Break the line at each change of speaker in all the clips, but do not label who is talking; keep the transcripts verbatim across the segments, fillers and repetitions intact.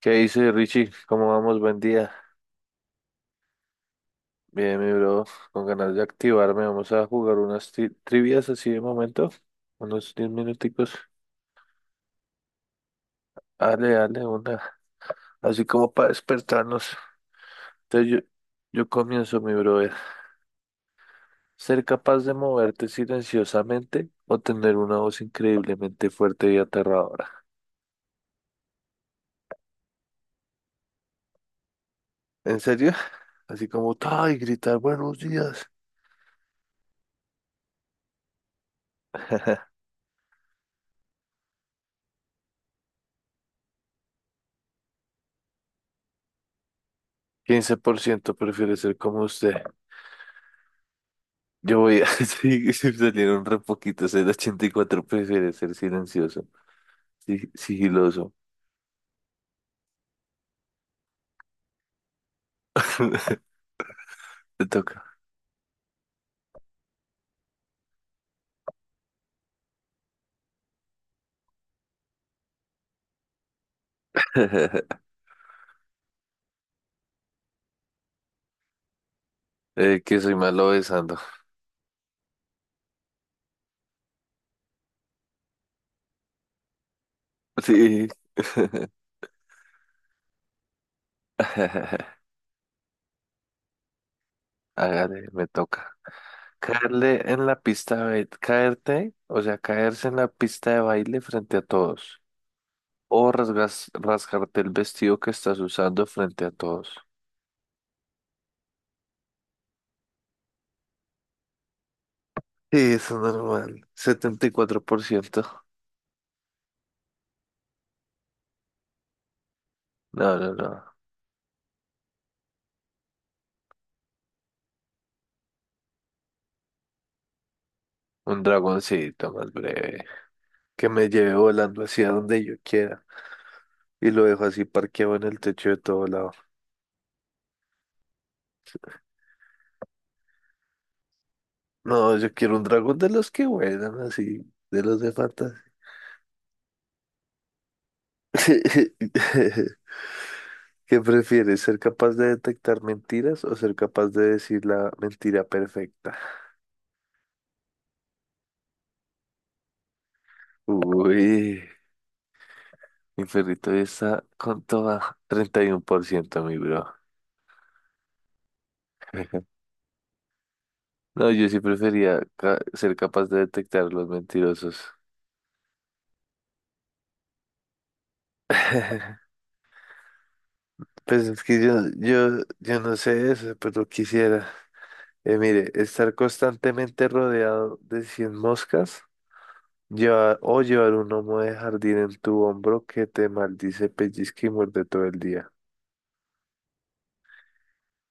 ¿Qué dice Richie? ¿Cómo vamos? Buen día. Bien, mi bro, con ganas de activarme. Vamos a jugar unas tri- trivias así de momento, unos diez minuticos. Dale, dale, una. Así como para despertarnos. Entonces yo, yo comienzo, mi brother. Ser capaz de moverte silenciosamente o tener una voz increíblemente fuerte y aterradora. ¿En serio? Así como, ¡ay! Gritar buenos días. Quince por ciento prefiere ser como usted. Yo voy a sí, salieron re poquitos, el ochenta y cuatro prefiere ser silencioso, sí, sigiloso. Te toca. Eh, que soy malo besando. Sí. Hágale, me toca. Caerle en la pista de baile, caerte, o sea, caerse en la pista de baile frente a todos. O rasgas- rasgarte el vestido que estás usando frente a todos. Sí, eso es normal. setenta y cuatro por ciento. No, no, no. Un dragoncito más breve, que me lleve volando hacia donde yo quiera y lo dejo así parqueado en el techo de todo lado. No, yo quiero un dragón de los que vuelan así, de los de fantasía. ¿Qué prefieres, ser capaz de detectar mentiras o ser capaz de decir la mentira perfecta? Uy, mi perrito ya está con toda treinta y uno por ciento, mi bro. No, yo sí prefería ca- ser capaz de detectar los mentirosos. Pues es que yo, yo, yo no sé eso, pero quisiera. Eh, mire, estar constantemente rodeado de cien moscas, llevar, o llevar un gnomo de jardín en tu hombro que te maldice, pellizca y muerde todo el día.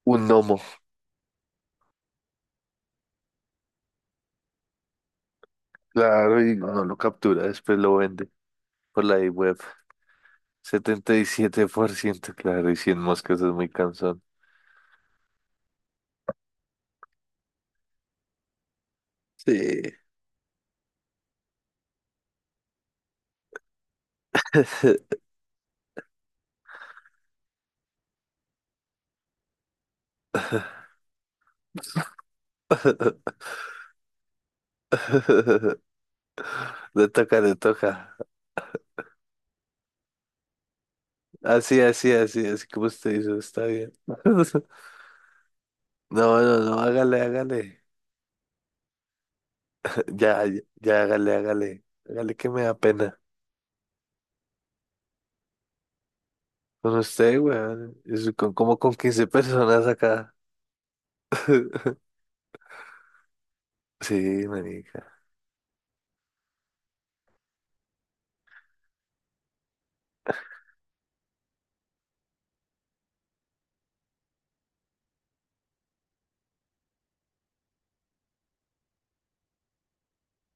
Un gnomo, claro, y no lo captura, después lo vende por la web. Setenta y siete por ciento, claro, y cien moscas es muy cansón. Sí. Le toca, le toca. Así, así, así, así como usted hizo, está bien. No, no, no, hágale, hágale. Ya, ya, ya, hágale, hágale. Hágale que me da pena. Con usted, weón. Es con- como con quince personas acá. Sí, marica.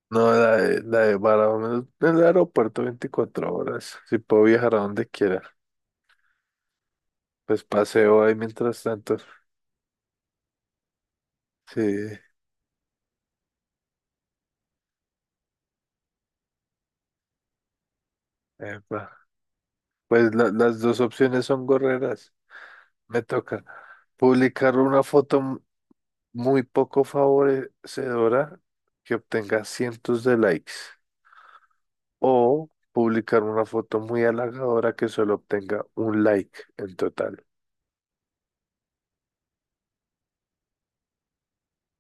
No, la de, la de menos en el aeropuerto veinticuatro horas. Si puedo viajar a donde quiera. Pues paseo ahí mientras tanto. Sí, epa. Pues la- las dos opciones son gorreras. Me toca publicar una foto muy poco favorecedora que obtenga cientos de likes o publicar una foto muy halagadora que solo obtenga un like en total.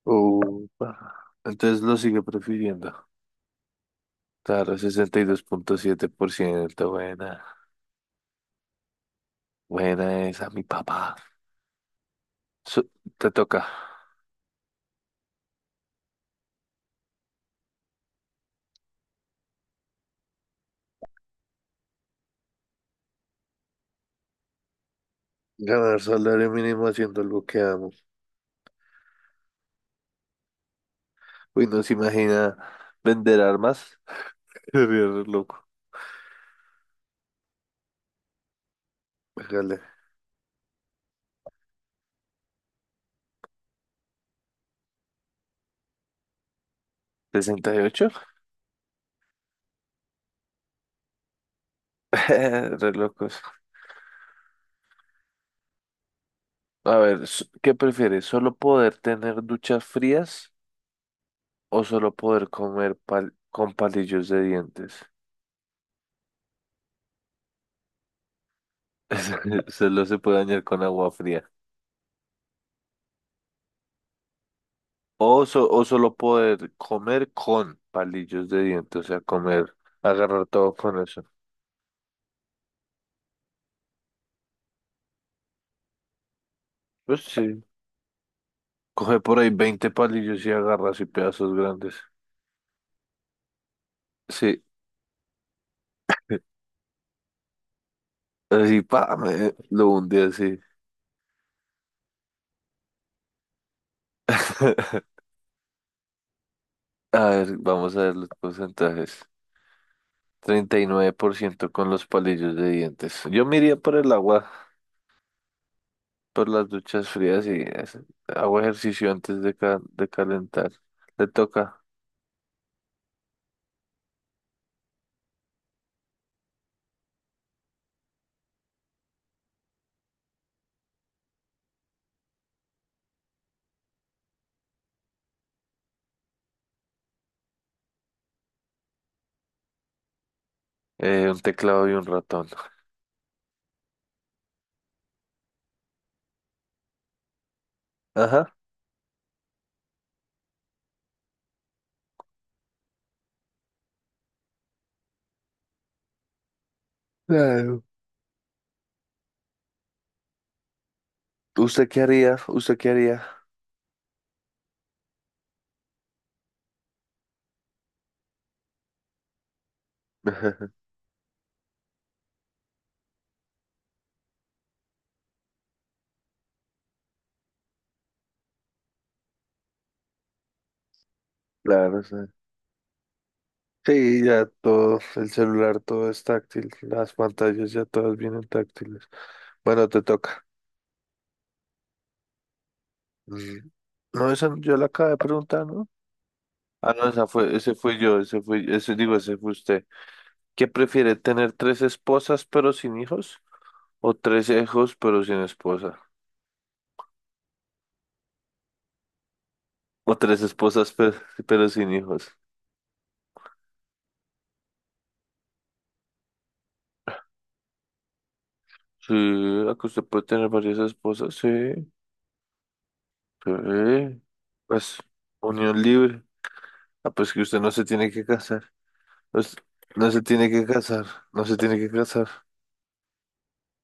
Upa. Entonces lo sigue prefiriendo. Claro, sesenta y dos punto siete por ciento. Buena, buena esa, mi papá. Su- te toca ganar salario mínimo haciendo algo que amo. Uy, no se imagina vender armas. Sería re loco. Hágale. ¿Sesenta y ocho? Re locos. A ver, s- ¿qué prefieres? ¿Solo poder tener duchas frías o solo poder comer pal- con palillos de dientes? Solo se puede dañar con agua fría. O, so- o solo poder comer con palillos de dientes, o sea, comer, agarrar todo con eso. Pues sí, coge por ahí veinte palillos y agarras y pedazos grandes. Sí, así, pa, me lo hundí así. A ver, vamos a ver los porcentajes. Treinta y nueve por ciento con los palillos de dientes. Yo me iría por el agua, por las duchas frías y es- hago ejercicio antes de, ca- de calentar. Le toca eh, un teclado y un ratón. Ajá. Claro. ¿Usted qué haría? ¿Usted qué haría? Claro, sí. Sí, ya todo, el celular todo es táctil, las pantallas ya todas vienen táctiles. Bueno, te toca. Mm. No, esa yo la acabo de preguntar, ¿no? Ah, no, esa fue, ese fui yo, ese fui, ese digo, ese fue usted. ¿Qué prefiere, tener tres esposas pero sin hijos? ¿O tres hijos pero sin esposa? ¿O tres esposas pero, pero sin hijos? Sí, la que usted puede tener varias esposas, sí. Sí. Pues, unión libre. Ah, pues que usted no se tiene que casar. Pues, no se tiene que casar, no se tiene que casar.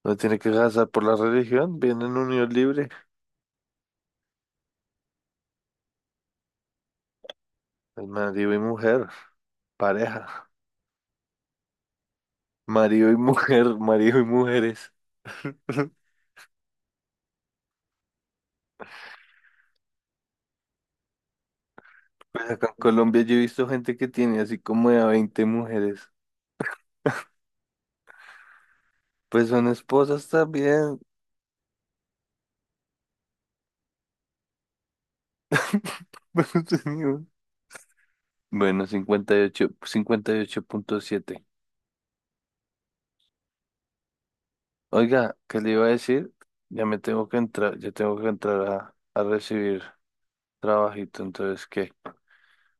No tiene que casar por la religión, viene en unión libre. Es marido y mujer, pareja. Marido y mujer, marido y mujeres. Acá en Colombia yo he visto gente que tiene así como de a veinte mujeres. Pues son esposas también. Pero tenía- Bueno, cincuenta y ocho, cincuenta y ocho punto siete. Oiga, ¿qué le iba a decir? Ya me tengo que entrar, ya tengo que entrar a, a recibir trabajito. Entonces, ¿qué?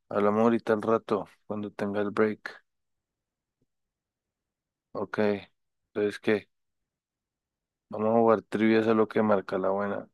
Hablamos ahorita al rato, cuando tenga el break. Ok. Entonces, ¿qué? Vamos a jugar trivias a lo que marca la buena.